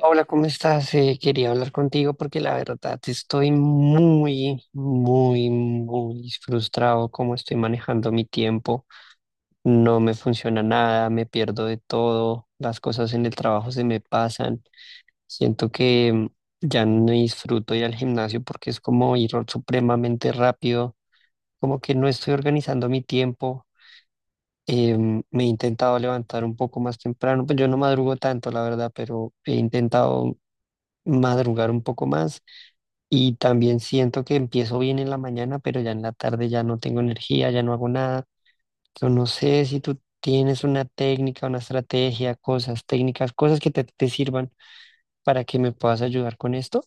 Hola, ¿cómo estás? Quería hablar contigo porque la verdad estoy muy frustrado cómo estoy manejando mi tiempo. No me funciona nada, me pierdo de todo, las cosas en el trabajo se me pasan. Siento que ya no disfruto ir al gimnasio porque es como ir supremamente rápido, como que no estoy organizando mi tiempo. Me he intentado levantar un poco más temprano, pues yo no madrugo tanto, la verdad, pero he intentado madrugar un poco más y también siento que empiezo bien en la mañana, pero ya en la tarde ya no tengo energía, ya no hago nada. Yo no sé si tú tienes una técnica, una estrategia, cosas, técnicas, cosas que te sirvan para que me puedas ayudar con esto.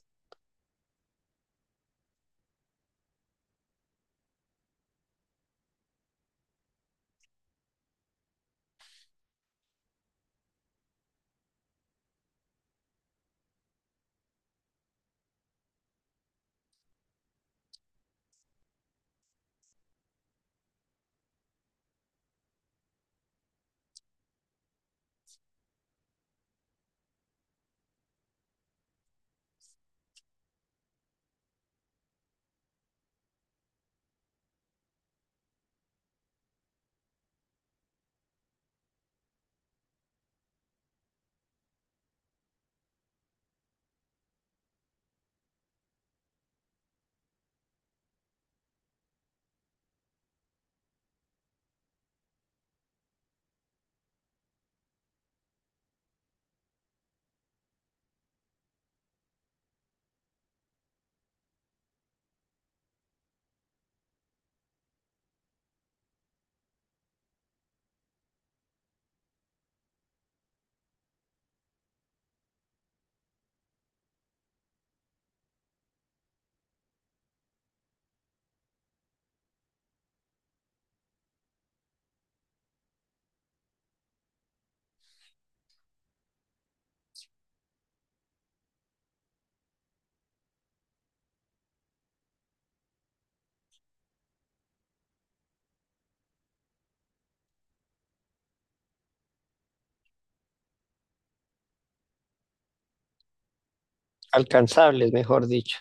Alcanzables, mejor dicho.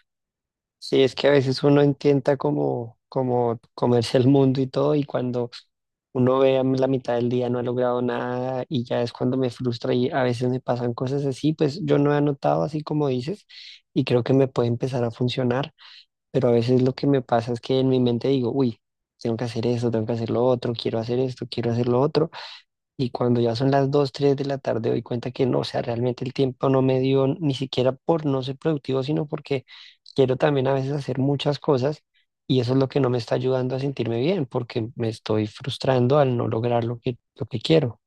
Sí, es que a veces uno intenta como comerse el mundo y todo, y cuando uno ve a la mitad del día no ha logrado nada y ya es cuando me frustra y a veces me pasan cosas así, pues yo no he anotado así como dices y creo que me puede empezar a funcionar, pero a veces lo que me pasa es que en mi mente digo, uy, tengo que hacer esto, tengo que hacer lo otro, quiero hacer esto, quiero hacer lo otro. Y cuando ya son las 2 3 de la tarde, doy cuenta que no, o sea, realmente el tiempo no me dio ni siquiera por no ser productivo, sino porque quiero también a veces hacer muchas cosas y eso es lo que no me está ayudando a sentirme bien, porque me estoy frustrando al no lograr lo que quiero.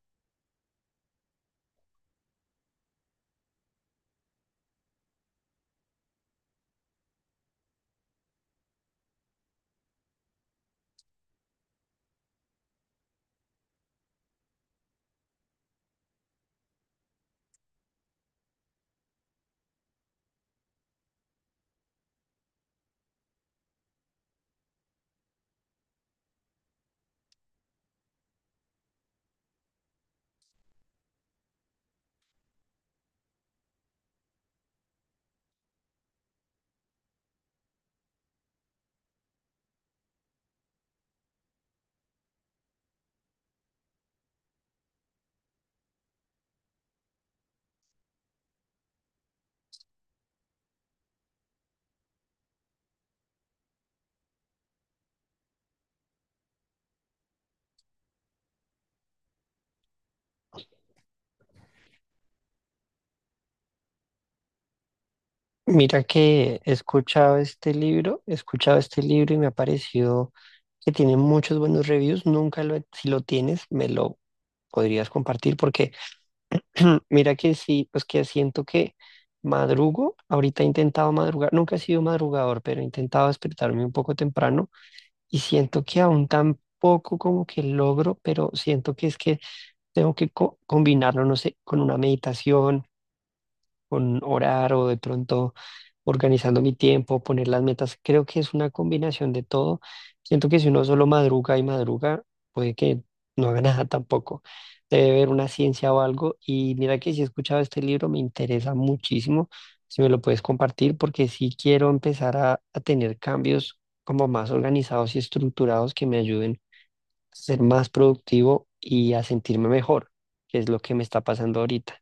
Mira que he escuchado este libro, he escuchado este libro y me ha parecido que tiene muchos buenos reviews. Nunca lo, he- Si lo tienes, me lo podrías compartir porque mira que sí, pues que siento que madrugo, ahorita he intentado madrugar, nunca he sido madrugador, pero he intentado despertarme un poco temprano y siento que aún tampoco como que logro, pero siento que es que tengo que combinarlo, no sé, con una meditación, con orar o de pronto organizando mi tiempo, poner las metas. Creo que es una combinación de todo. Siento que si uno solo madruga y madruga, puede que no haga nada tampoco. Debe haber una ciencia o algo. Y mira que si he escuchado este libro, me interesa muchísimo. Si me lo puedes compartir, porque sí quiero empezar a tener cambios como más organizados y estructurados que me ayuden a ser más productivo y a sentirme mejor, que es lo que me está pasando ahorita.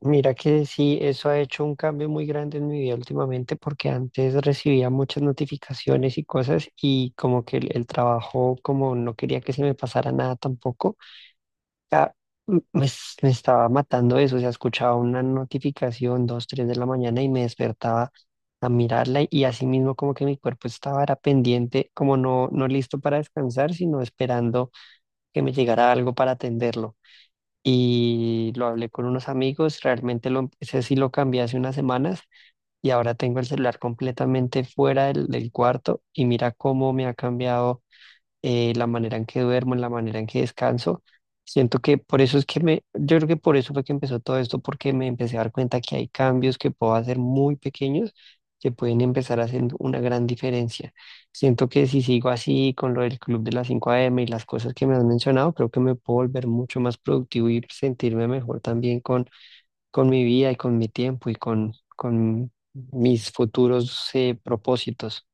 Mira que sí, eso ha hecho un cambio muy grande en mi vida últimamente porque antes recibía muchas notificaciones y cosas y como que el trabajo, como no quería que se me pasara nada tampoco, ya, me estaba matando eso, o sea, escuchaba una notificación dos, tres de la mañana y me despertaba a mirarla y así mismo como que mi cuerpo estaba era pendiente, como no, no listo para descansar, sino esperando que me llegara algo para atenderlo y lo hablé con unos amigos, realmente lo empecé, sí lo cambié hace unas semanas y ahora tengo el celular completamente fuera del cuarto y mira cómo me ha cambiado la manera en que duermo, en la manera en que descanso. Siento que por eso es que me, yo creo que por eso fue que empezó todo esto, porque me empecé a dar cuenta que hay cambios que puedo hacer muy pequeños que pueden empezar haciendo una gran diferencia. Siento que si sigo así con lo del club de las 5 AM y las cosas que me has mencionado, creo que me puedo volver mucho más productivo y sentirme mejor también con mi vida y con mi tiempo y con mis futuros propósitos.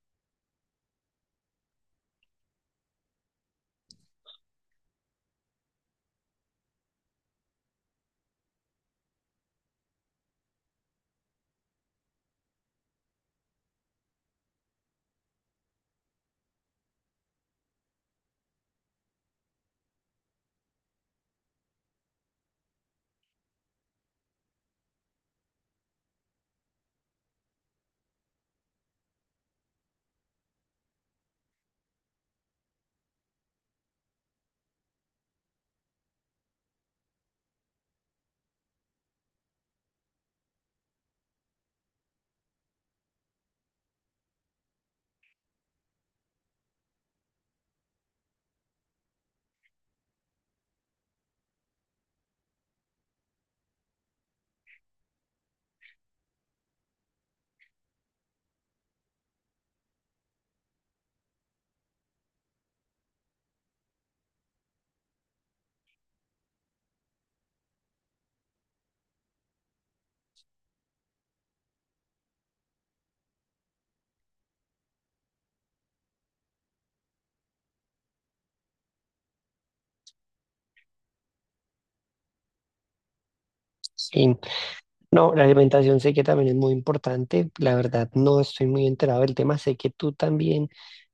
Sí. No, la alimentación sé que también es muy importante. La verdad, no estoy muy enterado del tema. Sé que tú también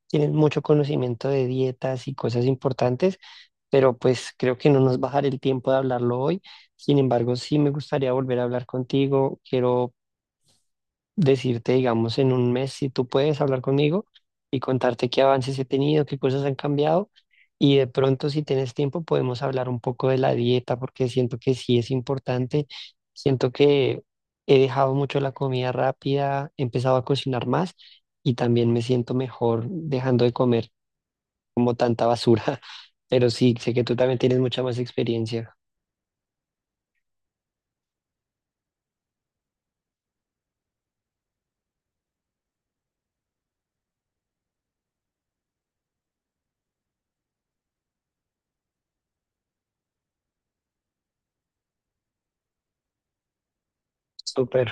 tienes mucho conocimiento de dietas y cosas importantes, pero pues creo que no nos va a dar el tiempo de hablarlo hoy. Sin embargo, sí me gustaría volver a hablar contigo. Quiero decirte, digamos, en un mes si tú puedes hablar conmigo y contarte qué avances he tenido, qué cosas han cambiado. Y de pronto, si tienes tiempo, podemos hablar un poco de la dieta, porque siento que sí es importante. Siento que he dejado mucho la comida rápida, he empezado a cocinar más y también me siento mejor dejando de comer como tanta basura. Pero sí, sé que tú también tienes mucha más experiencia. Súper.